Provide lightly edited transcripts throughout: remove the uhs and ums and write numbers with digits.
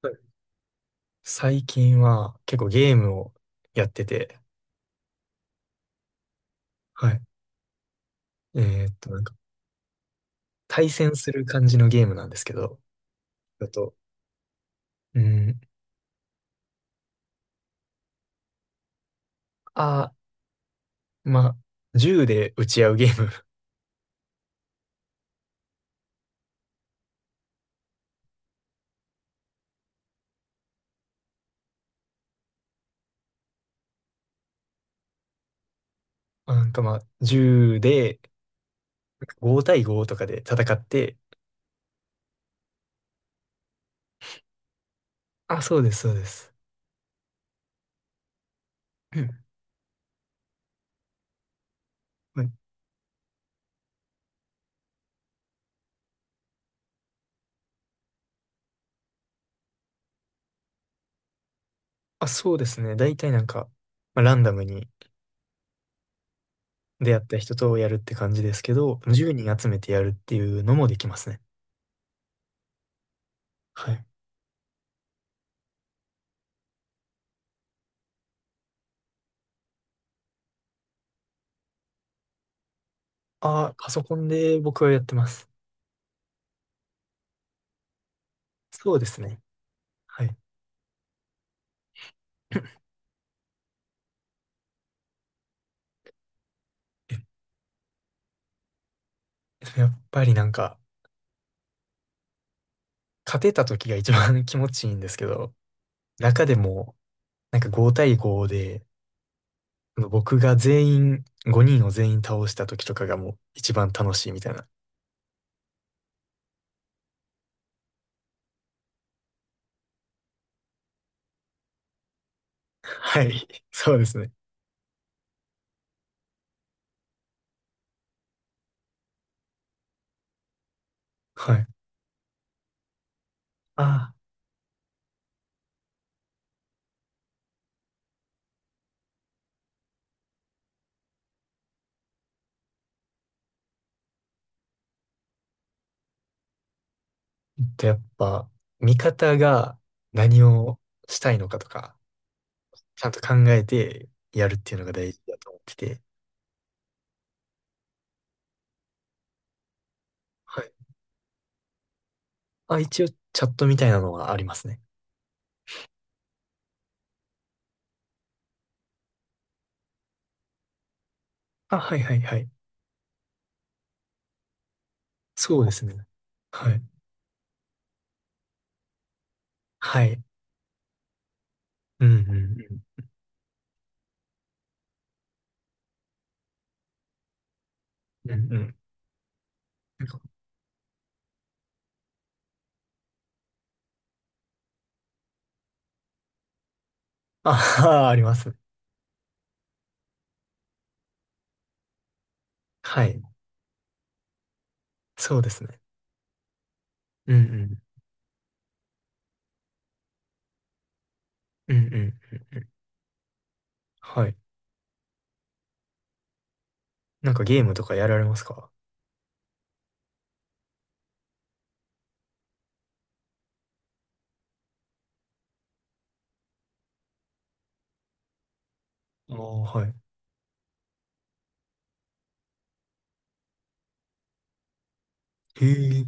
はい。最近は結構ゲームをやってて、はい。なんか対戦する感じのゲームなんですけど、だと、うん、あまあ、銃で撃ち合うゲーム。なんかまあ、銃で5対5とかで戦って、あ、そうです、そうです。うん。はい。あ、そうですね。大体なんか、まあ、ランダムに出会った人とやるって感じですけど、1に人集めてやるっていうのもできますね。はい。パソコンで僕はやってます。そうですね。はい。え、やっぱりなんか、勝てた時が一番 気持ちいいんですけど、中でも、なんか5対5で、僕が全員、5人を全員倒した時とかがもう一番楽しいみたいな。はい。そうですね。はい。ああ。で、やっぱ、味方が何をしたいのかとか、ちゃんと考えてやるっていうのが大事だと思ってて。はい。あ、一応、チャットみたいなのはありますね。あ、はいはいはい。そうですね。はい。はい。うんうんうんうんうん。ああー、あります。はい。そうですね。うんうん。うんうんうんうん。はい。なんかゲームとかやられますか？ああー、はい。へえ。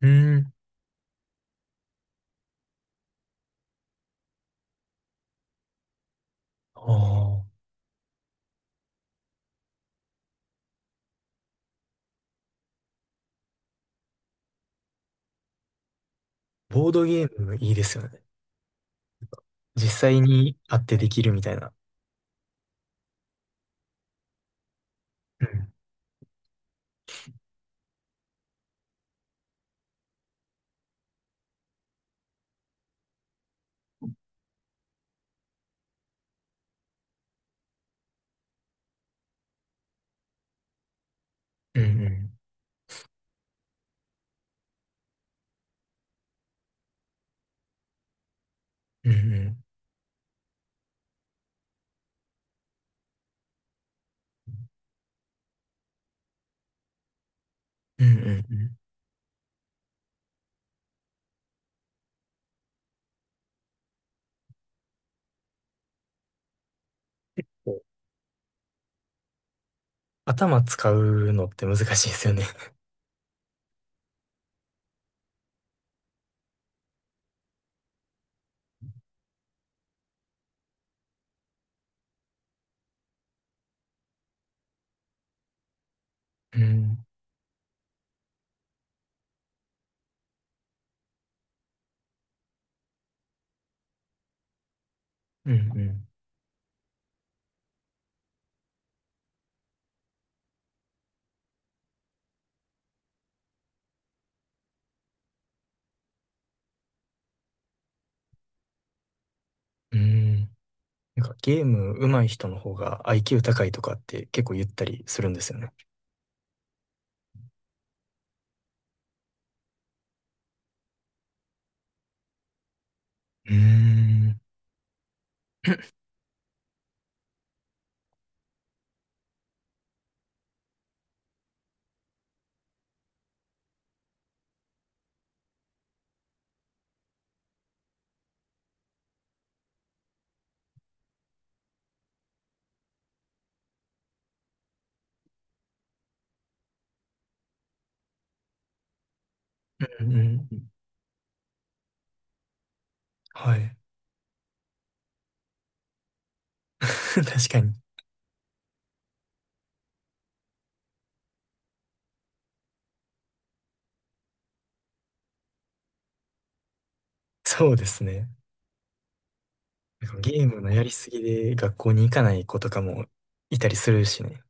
うん。ああ。ボードゲームいいですよね。実際に会ってできるみたいな。うんうんうん。うんうん。うんうんうん。こう頭使うのって難しいですよね。うん。うんうん。うん。なんかゲーム上手い人の方が IQ 高いとかって結構言ったりするんですよね。うーん。うんうんうん。はい。確かに。そうですね。なんかゲームのやりすぎで学校に行かない子とかもいたりするしね。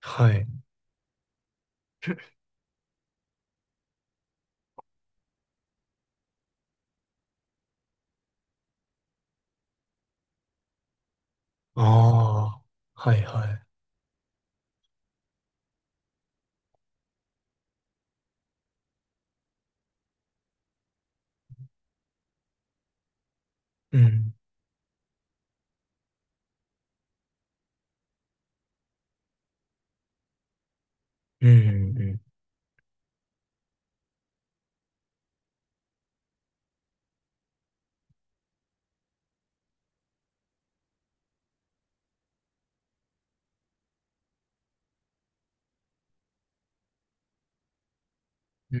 はい。ああ。はいはい。うん。うんうんうん。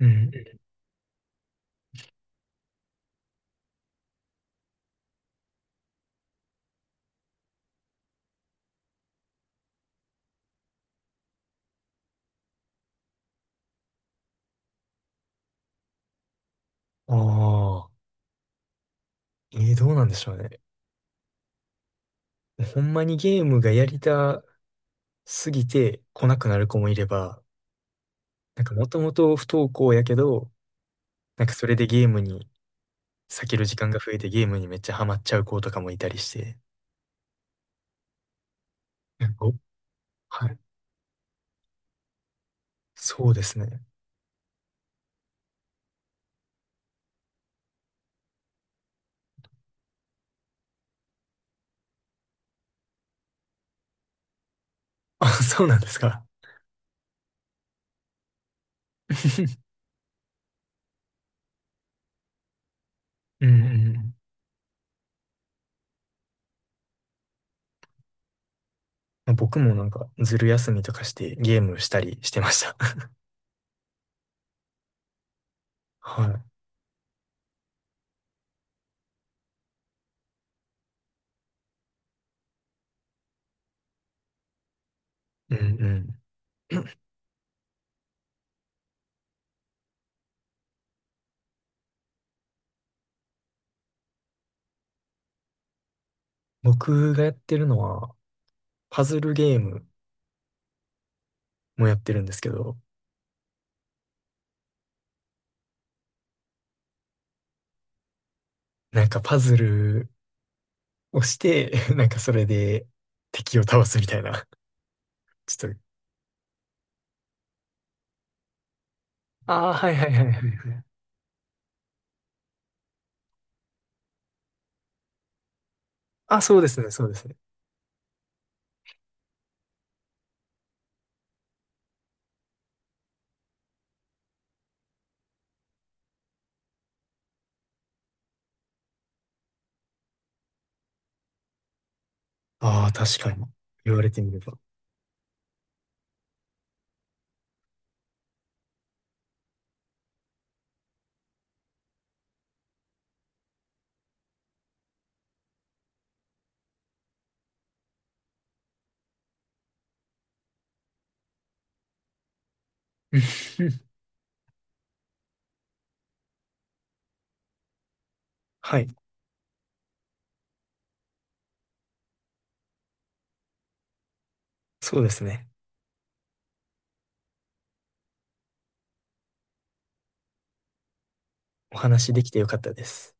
うん。ああ。どうなんでしょうね。ほんまにゲームがやりたすぎて来なくなる子もいれば、なんかもともと不登校やけど、なんかそれでゲームに避ける時間が増えてゲームにめっちゃハマっちゃう子とかもいたりして。えおはい。そうですね。あ、そうなんですか。うんうんうん。まあ僕もなんか、ずる休みとかしてゲームしたりしてました。はい。うんうん。僕がやってるのは、パズルゲームもやってるんですけど、なんかパズルをして、なんかそれで敵を倒すみたいな。ちょっと、ああ、はいはいはいはい。あ、そうですね、そうですね。ああ、確かに。言われてみれば。はい。そうですね。お話できてよかったです。